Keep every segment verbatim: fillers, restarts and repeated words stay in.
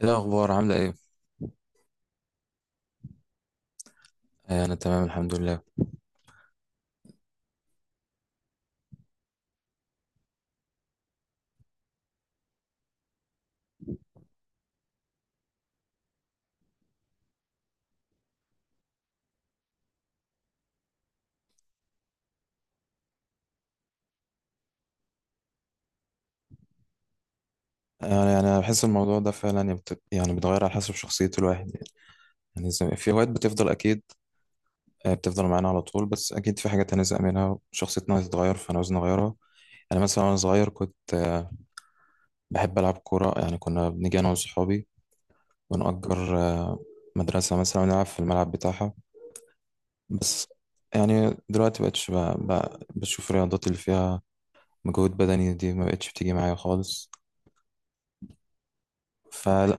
ايه الاخبار عامله ايه؟ آه، انا تمام الحمد لله. آه، يعني انا بحس الموضوع ده فعلا يعني بت- يعني بيتغير على حسب شخصيه الواحد. يعني يعني زي- في هوايات بتفضل اكيد. آه، بتفضل معانا على طول، بس اكيد في حاجات هنزهق منها، شخصيتنا هتتغير فانا عاوز نغيرها. انا مثلا وانا صغير كنت آه، بحب العب كوره، يعني كنا بنيجي انا وصحابي ونأجر آه، مدرسه مثلا ونلعب في الملعب بتاعها. بس يعني دلوقتي بقتش ب- ب- بشوف الرياضات اللي فيها مجهود بدني دي، ما بقتش بتيجي معايا خالص، فلا.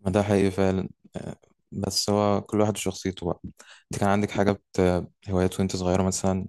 ما ده حقيقي فعلا. آه. بس هو كل واحد وشخصيته بقى. انت كان عندك حاجه بت- هوايات وانت صغيره مثلا؟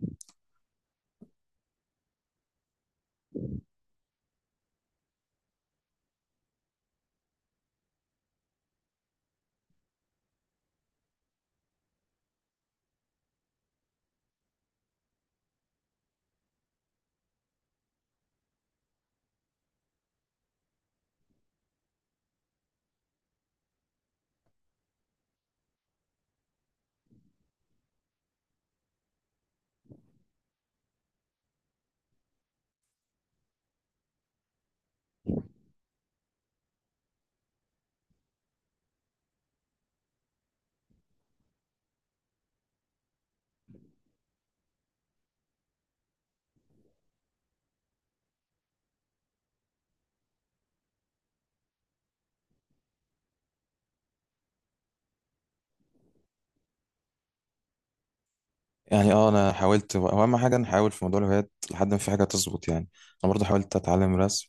يعني اه انا حاولت، هو اهم حاجه نحاول في موضوع الهوايات لحد ما في حاجه تظبط، يعني انا برضه حاولت اتعلم رسم،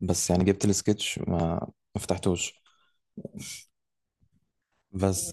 بس يعني جبت السكتش ما ما فتحتوش. بس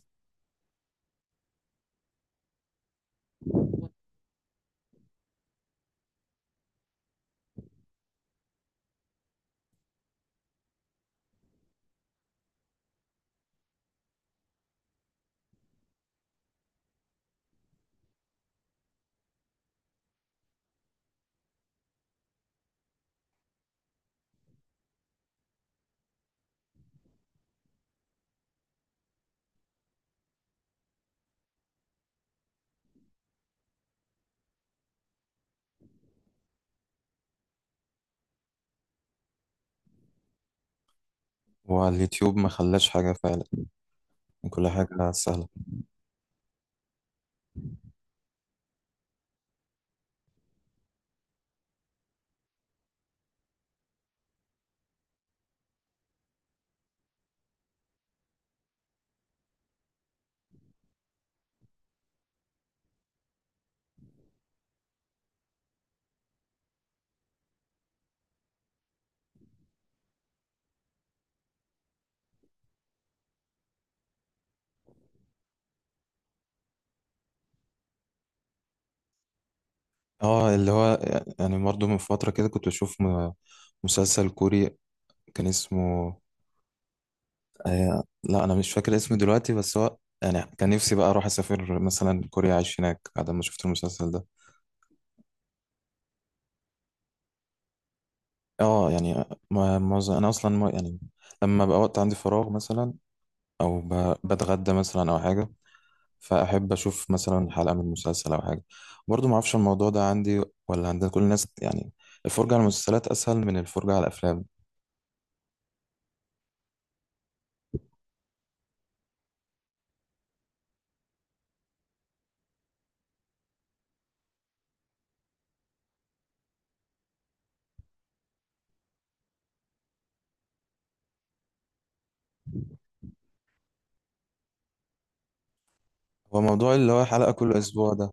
واليوتيوب ما خلاش حاجه فعلا، يعني كل حاجه سهله. اه اللي هو، يعني برضه من فتره كده كنت بشوف م- مسلسل كوري كان اسمه، آه لا، انا مش فاكر اسمه دلوقتي، بس هو يعني كان نفسي بقى اروح اسافر مثلا كوريا اعيش هناك بعد ما شفت المسلسل ده. اه يعني آه، ما- معظم، انا اصلا ما- يعني لما بقى وقت عندي فراغ مثلا، او ب- بتغدى مثلا او حاجه، فاحب اشوف مثلا حلقه من مسلسل او حاجه. برضو ما اعرفش الموضوع ده عندي ولا عند كل الناس، يعني الفرجه على المسلسلات اسهل من الفرجه على الافلام. هو موضوع اللي هو حلقه كل اسبوع ده.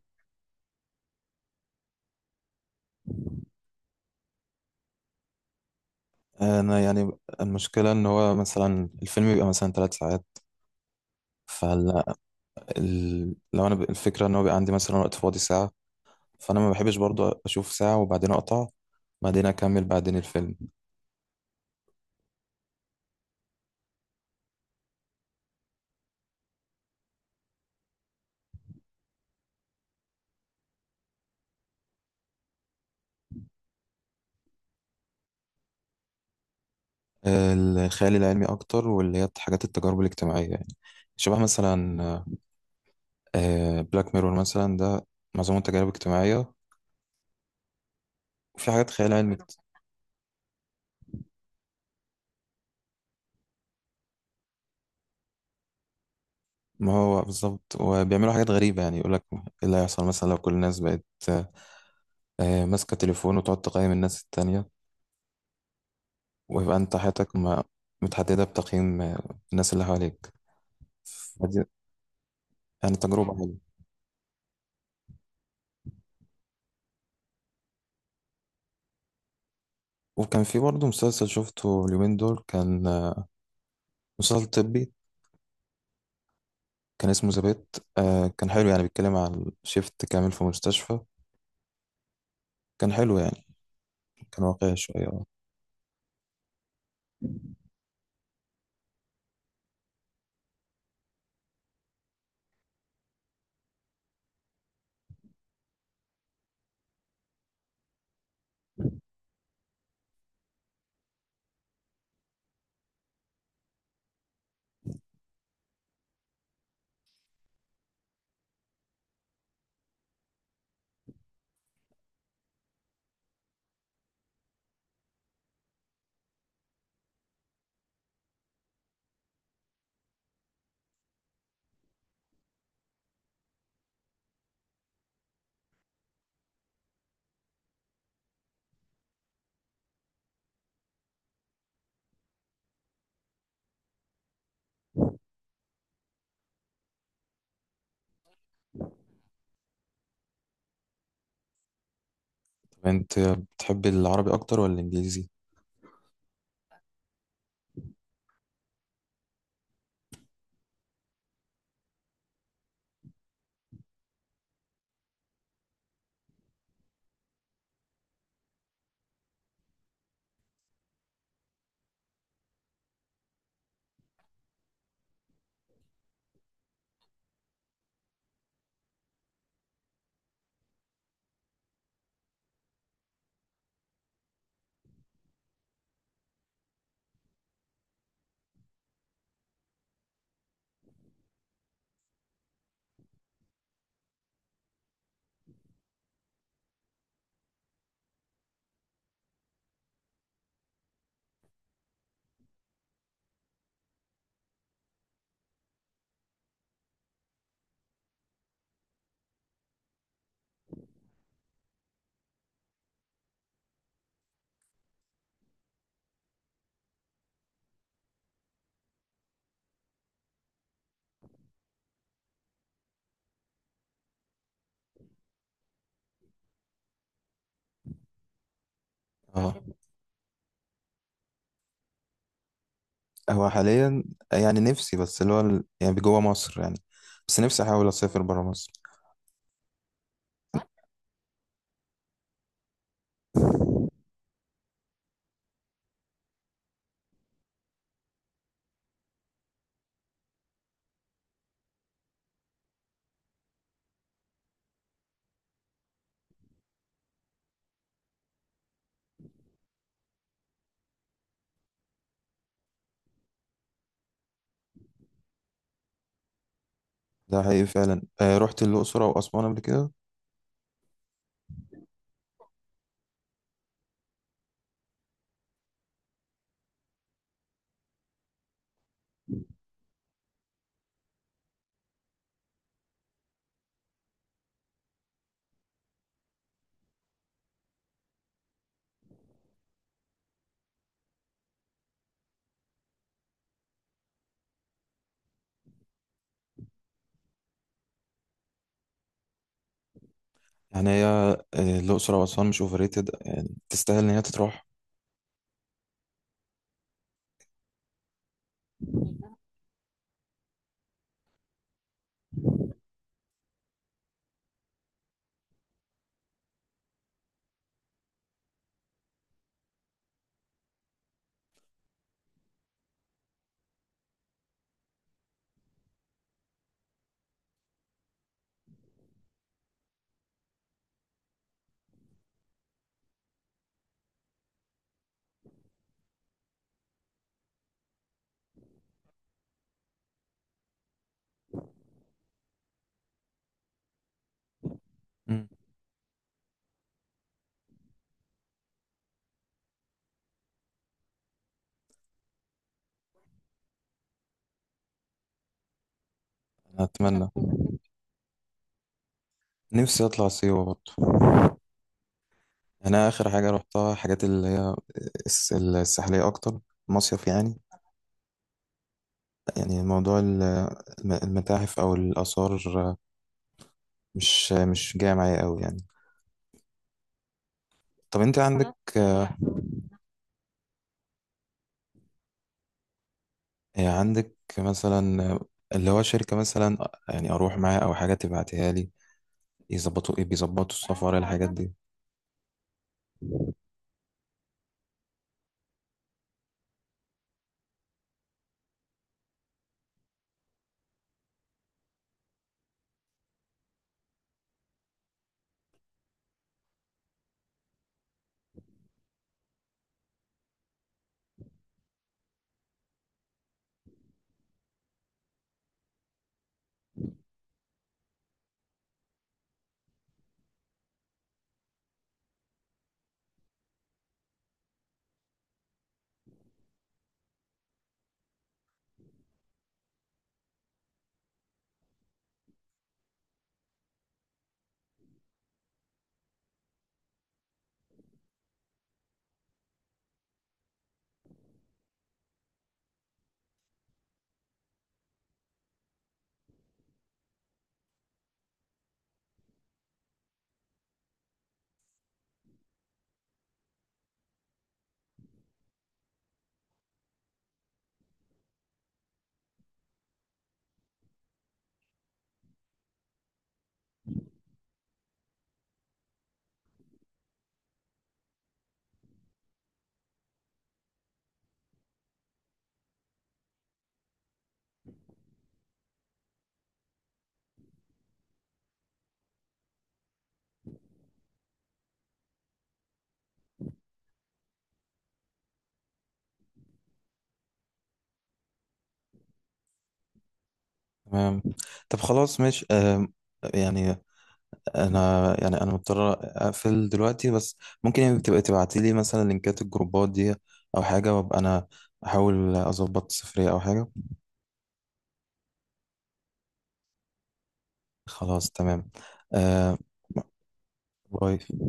انا يعني المشكله ان هو مثلا الفيلم بيبقى مثلا ثلاث ساعات، فلا. ال... لو انا، ب... الفكره ان هو بيبقى عندي مثلا وقت فاضي ساعه، فانا ما بحبش برضو اشوف ساعه وبعدين اقطع، بعدين اكمل بعدين الفيلم. آه، الخيال العلمي اكتر، واللي هي حاجات التجارب الاجتماعيه يعني، شبه مثلا بلاك ميرور، مثلا ده معظمه تجارب اجتماعيه. وفي حاجات خيال علمي كت- ما هو بالظبط، وبيعملوا حاجات غريبه، يعني يقول لك ايه اللي هيحصل مثلا لو كل الناس بقت آه، ماسكه تليفون وتقعد تقيم الناس التانية، ويبقى انت حياتك ما متحدده بتقييم آه، الناس اللي حواليك، فدي يعني تجربه حلوه. وكان في برضه مسلسل شفته اليومين دول، كان آه، مسلسل طبي، كان اسمه ذا. آه، كان حلو يعني، بيتكلم عن شيفت كامل في مستشفى، كان حلو يعني، كان واقعي شوية اه. طب انت بتحب العربي اكتر ولا الانجليزي؟ اه، هو حاليا يعني نفسي بس اللي هو ال- يعني جوه مصر، يعني بس نفسي احاول اسافر برا مصر. ده حقيقي فعلا، آه رحت الاقصر او اسوان قبل كده. يعني هي آه، الاقصر او اسوان مش اوفريتد، يعني تستاهل ان هي تتروح. مم. أتمنى نفسي أطلع سيوة برضه. يعني أنا آخر حاجة روحتها حاجات اللي هي الس- الساحلية أكتر، مصيف يعني. يعني موضوع ال- الم- المتاحف أو الآثار، مش مش جاي معايا أوي يعني. طب أنت عندك آه، عندك مثلا، اللي هو شركة مثلا يعني أروح معاها أو حاجة تبعتها لي، يظبطوا إيه، بيظبطوا السفر الحاجات دي؟ تمام. طب خلاص ماشي، آم، يعني انا يعني انا مضطر اقفل دلوقتي. بس ممكن يعني تبقى تبعتي لي مثلا لينكات الجروبات دي او حاجه، وابقى انا احاول اظبط سفريه او حاجه. خلاص تمام. آه. باي.